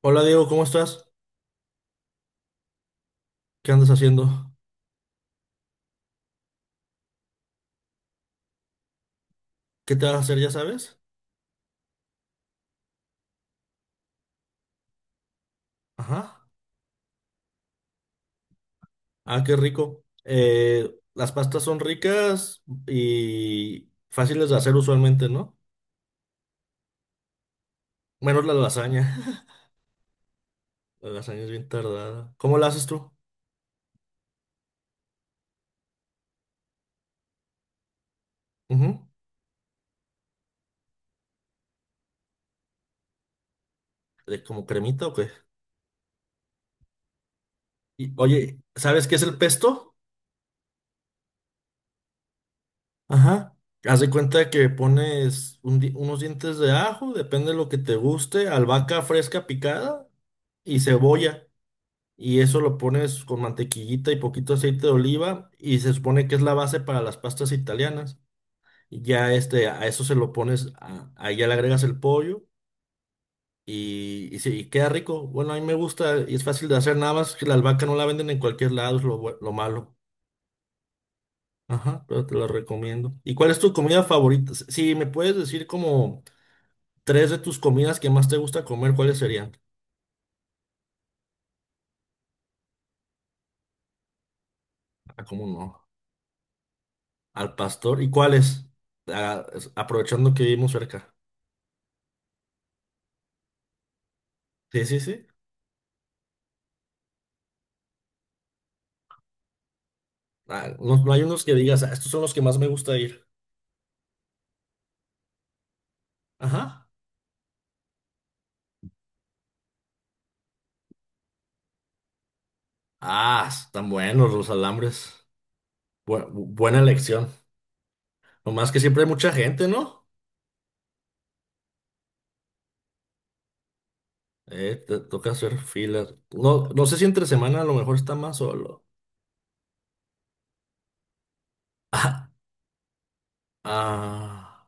Hola Diego, ¿cómo estás? ¿Qué andas haciendo? ¿Qué te vas a hacer, ya sabes? Ajá. Ah, qué rico. Las pastas son ricas y fáciles de hacer usualmente, ¿no? Menos la lasaña. La lasaña es bien tardada. ¿Cómo la haces tú? Ujú. ¿De como cremita o qué? Y, oye, ¿sabes qué es el pesto? Ajá. Haz de cuenta que pones unos dientes de ajo, depende de lo que te guste, albahaca fresca picada y cebolla. Y eso lo pones con mantequillita y poquito aceite de oliva y se supone que es la base para las pastas italianas. Y ya este, a eso se lo pones, ahí ya le agregas el pollo y, sí, y queda rico. Bueno, a mí me gusta y es fácil de hacer, nada más que la albahaca no la venden en cualquier lado, es lo, lo malo. Ajá, pero te lo recomiendo. ¿Y cuál es tu comida favorita? Si me puedes decir como tres de tus comidas que más te gusta comer, ¿cuáles serían? Ah, cómo no. Al pastor. ¿Y cuáles? Ah, aprovechando que vivimos cerca. Sí, sí, sí. Ah, no, no hay unos que digas, "Ah, estos son los que más me gusta ir". Ajá. Ah, están buenos los alambres. Buena elección. Nomás que siempre hay mucha gente, ¿no? Te toca hacer filas. No, no sé si entre semana a lo mejor está más solo. Ah, ah.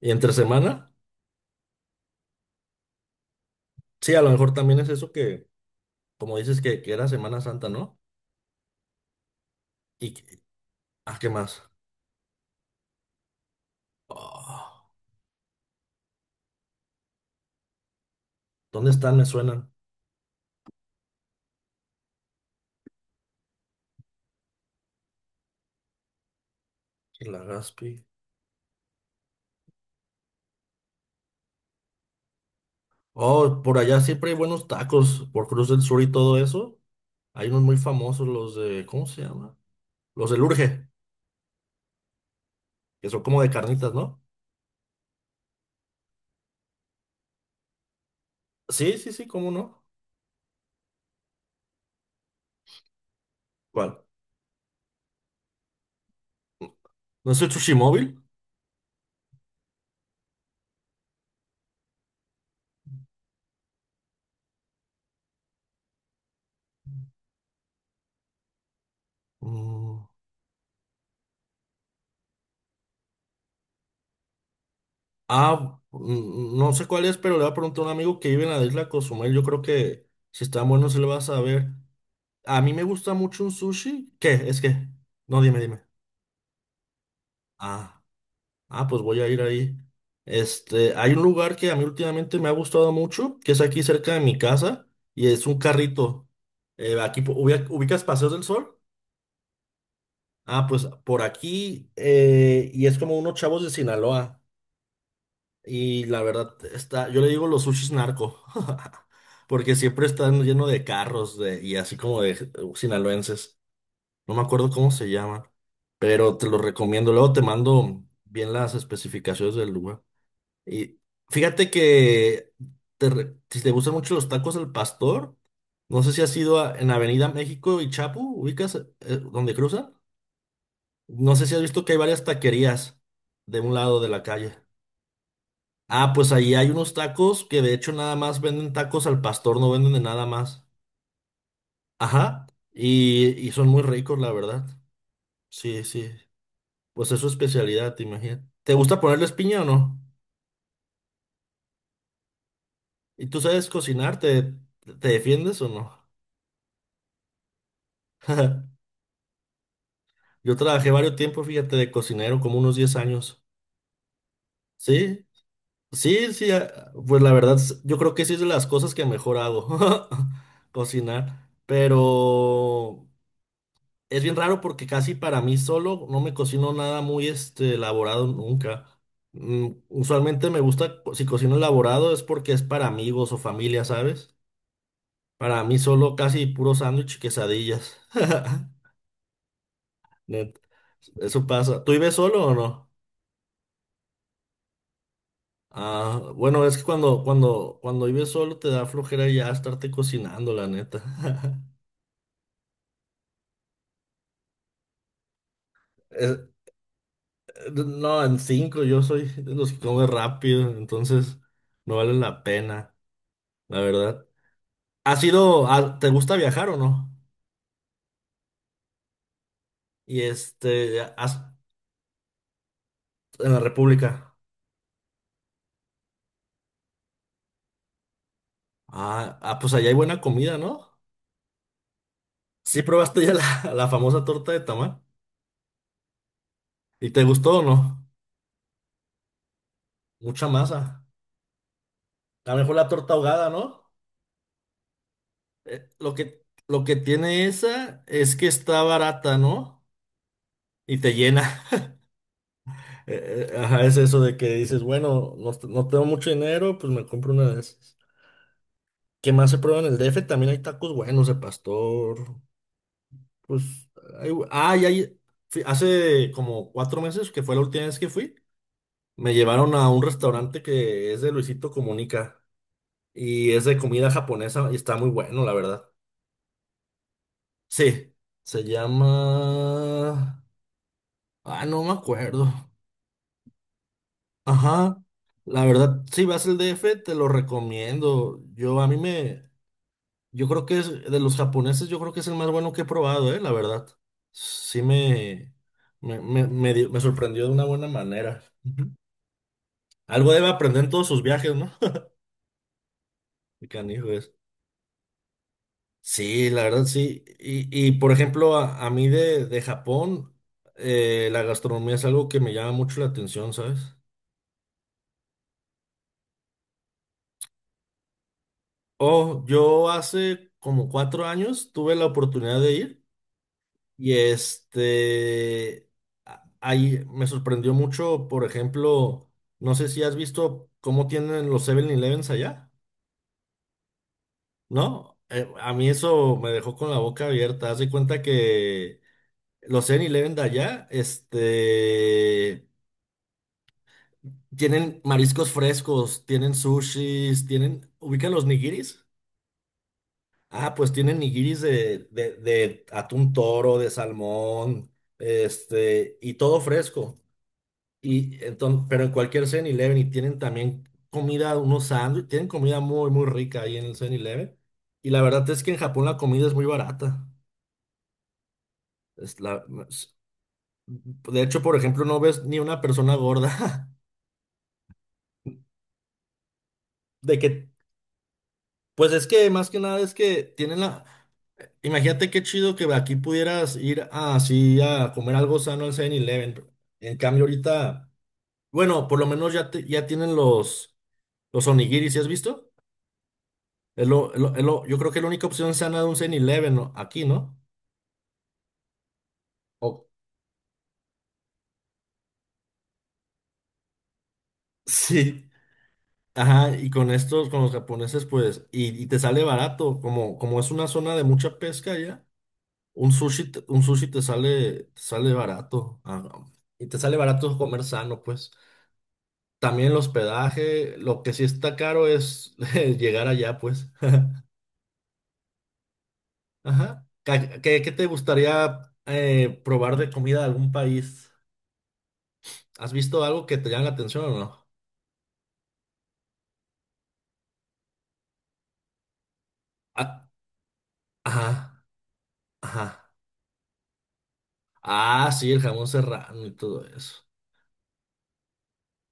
¿Y entre semana? Sí, a lo mejor también es eso que, como dices, que era Semana Santa, ¿no? ¿Y que- ah, ¿qué más? Oh, ¿dónde están? Me suenan. La Gaspi. Oh, por allá siempre hay buenos tacos por Cruz del Sur y todo eso. Hay unos muy famosos, los de, ¿cómo se llama? Los del Urge, que son como de carnitas, ¿no? Sí, sí, sí, ¿cómo no? ¿Cuál? ¿No es el Sushi Móvil? Mm, ah, mm, no sé cuál es, pero le voy a preguntar a un amigo que vive en la isla Cozumel. Yo creo que si están buenos se le va a saber. A mí me gusta mucho un sushi. ¿Qué? Es que, no, dime, dime. Ah. Ah, pues voy a ir ahí. Este, hay un lugar que a mí últimamente me ha gustado mucho, que es aquí cerca de mi casa, y es un carrito. Aquí ubicas Paseos del Sol. Ah, pues por aquí, y es como unos chavos de Sinaloa. Y la verdad, está, yo le digo los sushis narco, porque siempre están llenos de carros de, y así como de sinaloenses. No me acuerdo cómo se llama, pero te lo recomiendo. Luego te mando bien las especificaciones del lugar. Y fíjate que si te gustan mucho los tacos al pastor, no sé si en Avenida México y Chapu, ubicas donde cruzan. No sé si has visto que hay varias taquerías de un lado de la calle. Ah, pues ahí hay unos tacos que de hecho nada más venden tacos al pastor, no venden de nada más. Ajá. Y son muy ricos, la verdad. Sí, sí. Pues es su especialidad, te imagino. ¿Te gusta ponerles piña o no? ¿Y tú sabes cocinar? ¿Te, te defiendes o no? Yo trabajé varios tiempos, fíjate, de cocinero, como unos 10 años. Sí, sí, sí, ah, pues la verdad, yo creo que sí es de las cosas que mejor hago, cocinar. Pero es bien raro porque casi para mí solo no me cocino nada muy este, elaborado nunca. Mm, usualmente me gusta, si cocino elaborado es porque es para amigos o familia, ¿sabes? Para mí solo casi puro sándwich y quesadillas. Net, eso pasa. ¿Tú vives solo o no? Ah, bueno, es que cuando vives solo te da flojera ya estarte cocinando, la neta. Es- no, en cinco yo soy de los que come rápido, entonces no vale la pena, la verdad. ¿Has ido, te gusta viajar o no? Y este, has- en la República. Ah, ah, pues allá hay buena comida, ¿no? Sí, probaste ya la famosa torta de tamal. ¿Y te gustó o no? Mucha masa. A lo mejor la torta ahogada, ¿no? Lo que tiene esa es que está barata, ¿no? Y te llena. Ajá, es eso de que dices, bueno, no, no tengo mucho dinero, pues me compro una de esas. ¿Qué más se prueba en el DF? También hay tacos buenos de pastor. Pues, hay, ah, hace como cuatro meses, que fue la última vez que fui, me llevaron a un restaurante que es de Luisito Comunica y es de comida japonesa y está muy bueno, la verdad. Sí, se llama... Ah, no me acuerdo. Ajá, la verdad, si vas al DF, te lo recomiendo. Yo a mí me, yo creo que es de los japoneses, yo creo que es el más bueno que he probado, la verdad. Sí me, me sorprendió de una buena manera. Ujú. Algo debe aprender en todos sus viajes, ¿no? Qué canijo es. Sí, la verdad, sí. Por ejemplo, a mí de Japón, la gastronomía es algo que me llama mucho la atención, ¿sabes? Oh, yo hace como cuatro años tuve la oportunidad de ir. Y este, ahí me sorprendió mucho, por ejemplo, no sé si has visto cómo tienen los Seven elevens allá, ¿no? A mí eso me dejó con la boca abierta. Haz de cuenta que los Seven eleven de allá, este, tienen mariscos frescos, tienen sushis, tienen, ubican los nigiris. Ah, pues tienen nigiris de atún toro, de salmón, este, y todo fresco. Y entonces, pero en cualquier Seven eleven y tienen también comida, unos sándwiches, tienen comida muy, muy rica ahí en el Seven eleven. Y la verdad es que en Japón la comida es muy barata. Es la, es- de hecho, por ejemplo, no ves ni una persona gorda. De que, pues es que más que nada es que tienen la... Imagínate qué chido que aquí así a comer algo sano al Seven eleven. En cambio, ahorita, bueno, por lo menos ya, ya tienen los onigiris, ¿sí has visto? Es lo, yo creo que la única opción sana de un 7-Eleven, ¿no? Aquí, ¿no? O- sí. Ajá, y con estos, con los japoneses, pues, y te sale barato, como, como es una zona de mucha pesca ya, un sushi, un sushi te sale barato, ah, y te sale barato comer sano, pues. También el hospedaje, lo que sí está caro es llegar allá, pues. Ajá. ¿Qué, qué te gustaría probar de comida de algún país? ¿Has visto algo que te llame la atención o no? Ajá, ajá. Ah, sí, el jamón serrano y todo eso.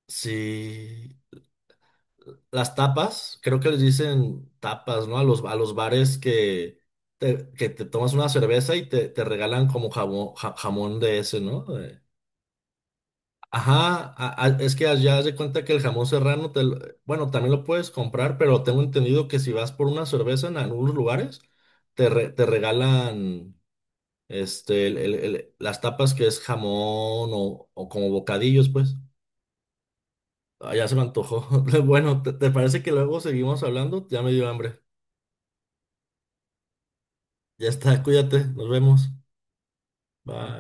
Sí. Las tapas, creo que les dicen tapas, ¿no? A los bares que te tomas una cerveza y te regalan como jamón, jamón de ese, ¿no? De- Ajá, es que allá haz de cuenta que el jamón serrano, bueno, también lo puedes comprar, pero tengo entendido que si vas por una cerveza en algunos lugares, te, te regalan este, las tapas que es jamón o como bocadillos, pues. Ah, ya se me antojó. Bueno, ¿te, te parece que luego seguimos hablando? Ya me dio hambre. Ya está, cuídate, nos vemos. Bye.